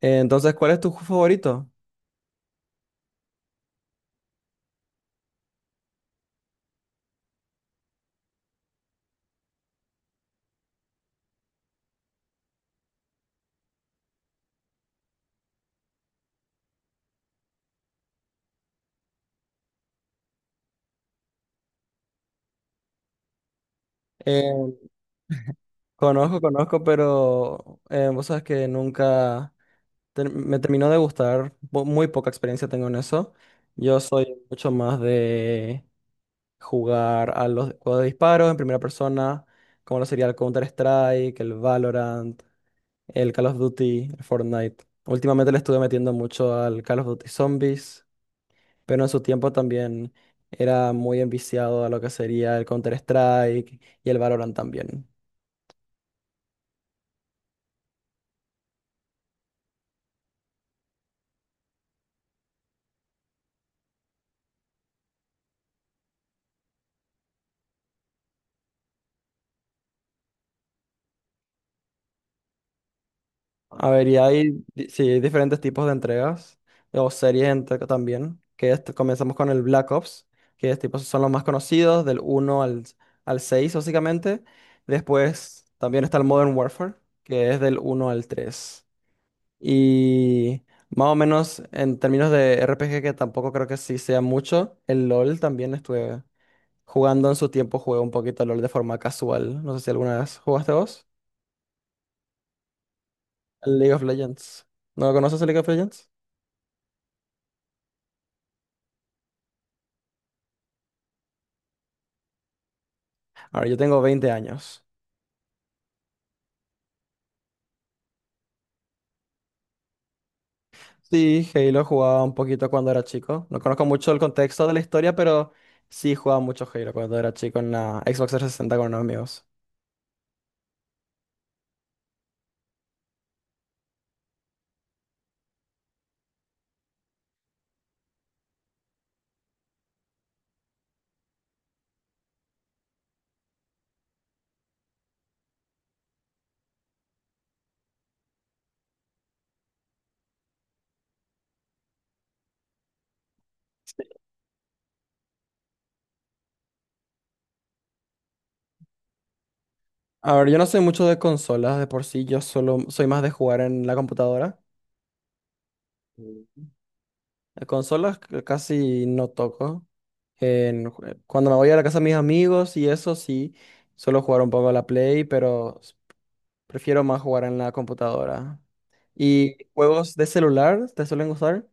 Entonces, ¿cuál es tu juego favorito? Eh, conozco, pero vos sabes que nunca me terminó de gustar. Muy poca experiencia tengo en eso. Yo soy mucho más de jugar a los juegos de disparos en primera persona, como lo sería el Counter-Strike, el Valorant, el Call of Duty, el Fortnite. Últimamente le estuve metiendo mucho al Call of Duty Zombies. Pero en su tiempo también era muy enviciado a lo que sería el Counter-Strike y el Valorant también. A ver, y sí, hay diferentes tipos de entregas o series también, comenzamos con el Black Ops, que es tipo, son los más conocidos, al 6 básicamente. Después también está el Modern Warfare, que es del uno al tres. Y más o menos en términos de RPG, que tampoco creo que sí sea mucho, el LOL también estuve jugando en su tiempo, jugué un poquito al LOL de forma casual. ¿No sé si alguna vez jugaste vos? El League of Legends. ¿No conoces el League of Legends? Ahora, yo tengo 20 años. Sí, Halo jugaba un poquito cuando era chico. No conozco mucho el contexto de la historia, pero sí jugaba mucho Halo cuando era chico en la Xbox 360 con unos amigos. A ver, yo no soy mucho de consolas, de por sí yo solo soy más de jugar en la computadora. Consolas casi no toco. Cuando me voy a la casa de mis amigos y eso sí, suelo jugar un poco a la Play, pero prefiero más jugar en la computadora. ¿Y juegos de celular te suelen gustar?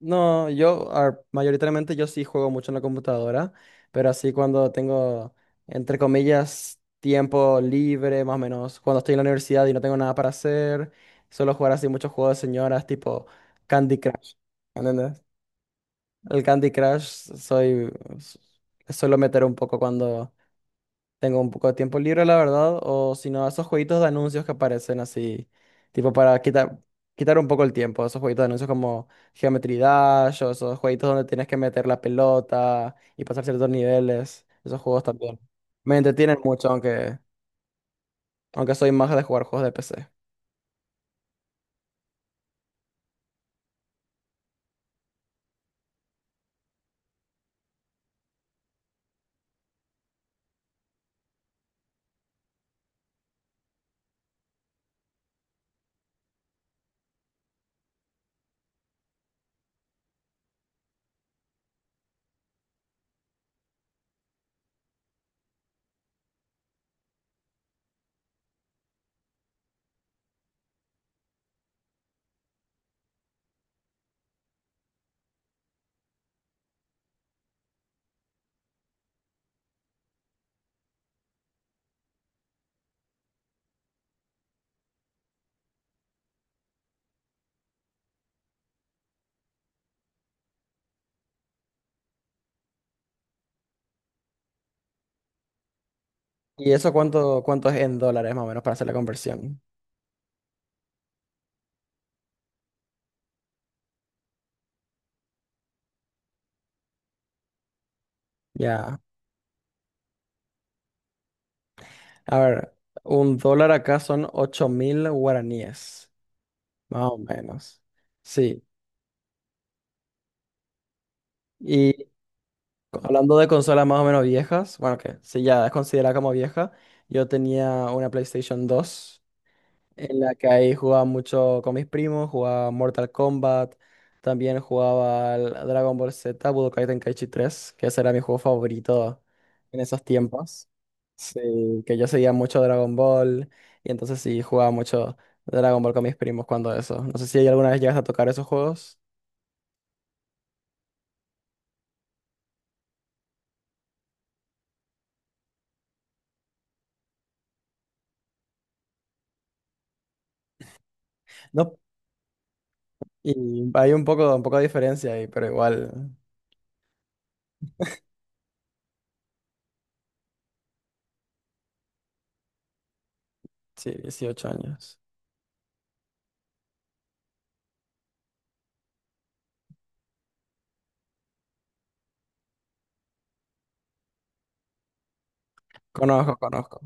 No, yo mayoritariamente yo sí juego mucho en la computadora, pero así cuando tengo, entre comillas, tiempo libre, más o menos, cuando estoy en la universidad y no tengo nada para hacer, suelo jugar así muchos juegos de señoras tipo Candy Crush. ¿Entendés? El Candy Crush soy, s- Suelo meter un poco cuando tengo un poco de tiempo libre, la verdad, o si no, esos jueguitos de anuncios que aparecen así, tipo para quitar un poco el tiempo, esos jueguitos de anuncios como Geometry Dash, o esos jueguitos donde tienes que meter la pelota y pasar ciertos niveles, esos juegos también. Me entretienen mucho, aunque soy más de jugar juegos de PC. ¿Y eso cuánto es en dólares más o menos para hacer la conversión? Ya. A ver, un dólar acá son 8000 guaraníes, más o menos. Sí, y hablando de consolas más o menos viejas, bueno, que si ya es considerada como vieja, yo tenía una PlayStation dos en la que ahí jugaba mucho con mis primos, jugaba Mortal Kombat, también jugaba al Dragon Ball Z, Budokai Tenkaichi 3, que ese era mi juego favorito en esos tiempos. Sí, que yo seguía mucho Dragon Ball y entonces sí jugaba mucho Dragon Ball con mis primos cuando eso. No sé si alguna vez llegas a tocar esos juegos. No, y hay un poco de diferencia ahí, pero igual, sí, 18 años. Conozco, conozco.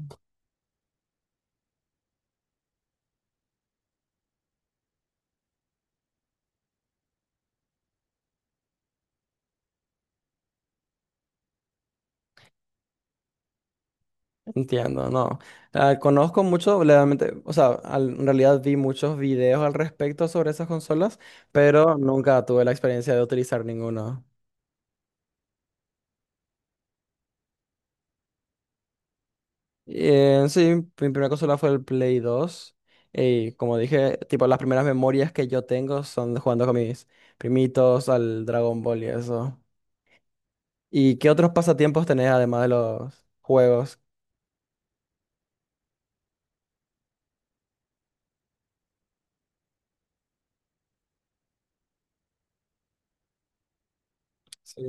Entiendo, no. Ah, conozco mucho, realmente, o sea, en realidad vi muchos videos al respecto sobre esas consolas, pero nunca tuve la experiencia de utilizar ninguna. Sí, mi primera consola fue el Play dos. Y como dije, tipo, las primeras memorias que yo tengo son de jugando con mis primitos al Dragon Ball y eso. ¿Y qué otros pasatiempos tenés además de los juegos? Sí,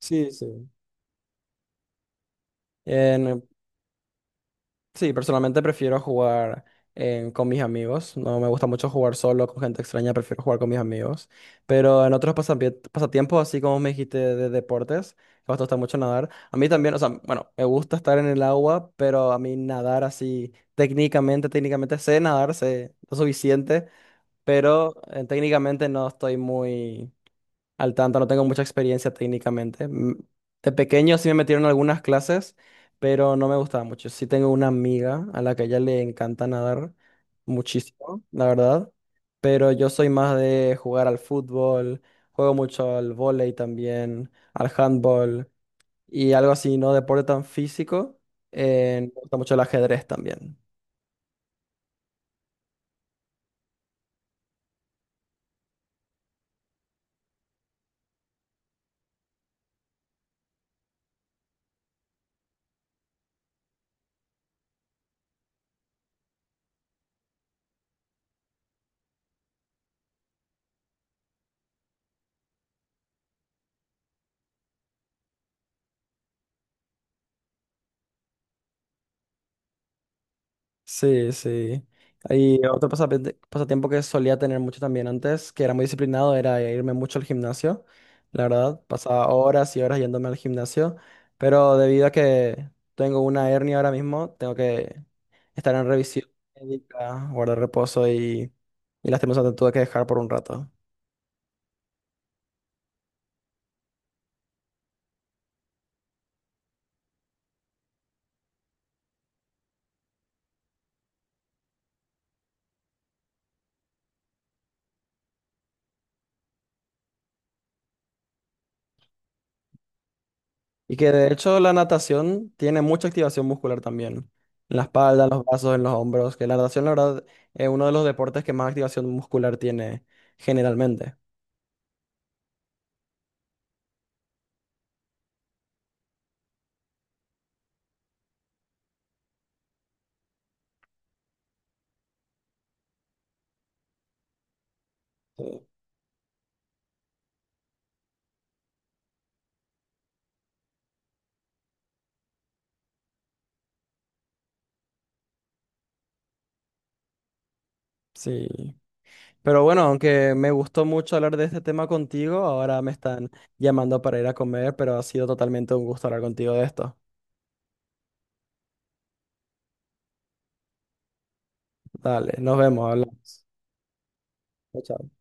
sí, sí. Sí, personalmente prefiero jugar con mis amigos. No me gusta mucho jugar solo con gente extraña, prefiero jugar con mis amigos. Pero en otros pasatiempos, así como me dijiste de deportes, que a vos te gusta mucho nadar. A mí también, o sea, bueno, me gusta estar en el agua, pero a mí nadar así técnicamente, técnicamente sé nadar, sé lo suficiente, pero técnicamente no estoy muy... Al tanto, no tengo mucha experiencia técnicamente. Mm, de pequeño sí me metieron en algunas clases, pero no me gustaba mucho. Sí tengo una amiga a la que a ella le encanta nadar muchísimo, la verdad. Pero yo soy más de jugar al fútbol, juego mucho al vóley también, al handball y algo así, no deporte tan físico. Me gusta mucho el ajedrez también. Sí, sí. Y otro pasatiempo que solía tener mucho también antes, que era muy disciplinado, era irme mucho al gimnasio. La verdad, pasaba horas y horas yéndome al gimnasio, pero debido a que tengo una hernia ahora mismo, tengo que estar en revisión médica, guardar reposo y lastimosamente tuve que dejar por un rato. Y que de hecho la natación tiene mucha activación muscular también. En la espalda, en los brazos, en los hombros. Que la natación, la verdad, es uno de los deportes que más activación muscular tiene generalmente. Sí. Sí. Pero bueno, aunque me gustó mucho hablar de este tema contigo, ahora me están llamando para ir a comer, pero ha sido totalmente un gusto hablar contigo de esto. Dale, nos vemos, hablamos. Chao, chao.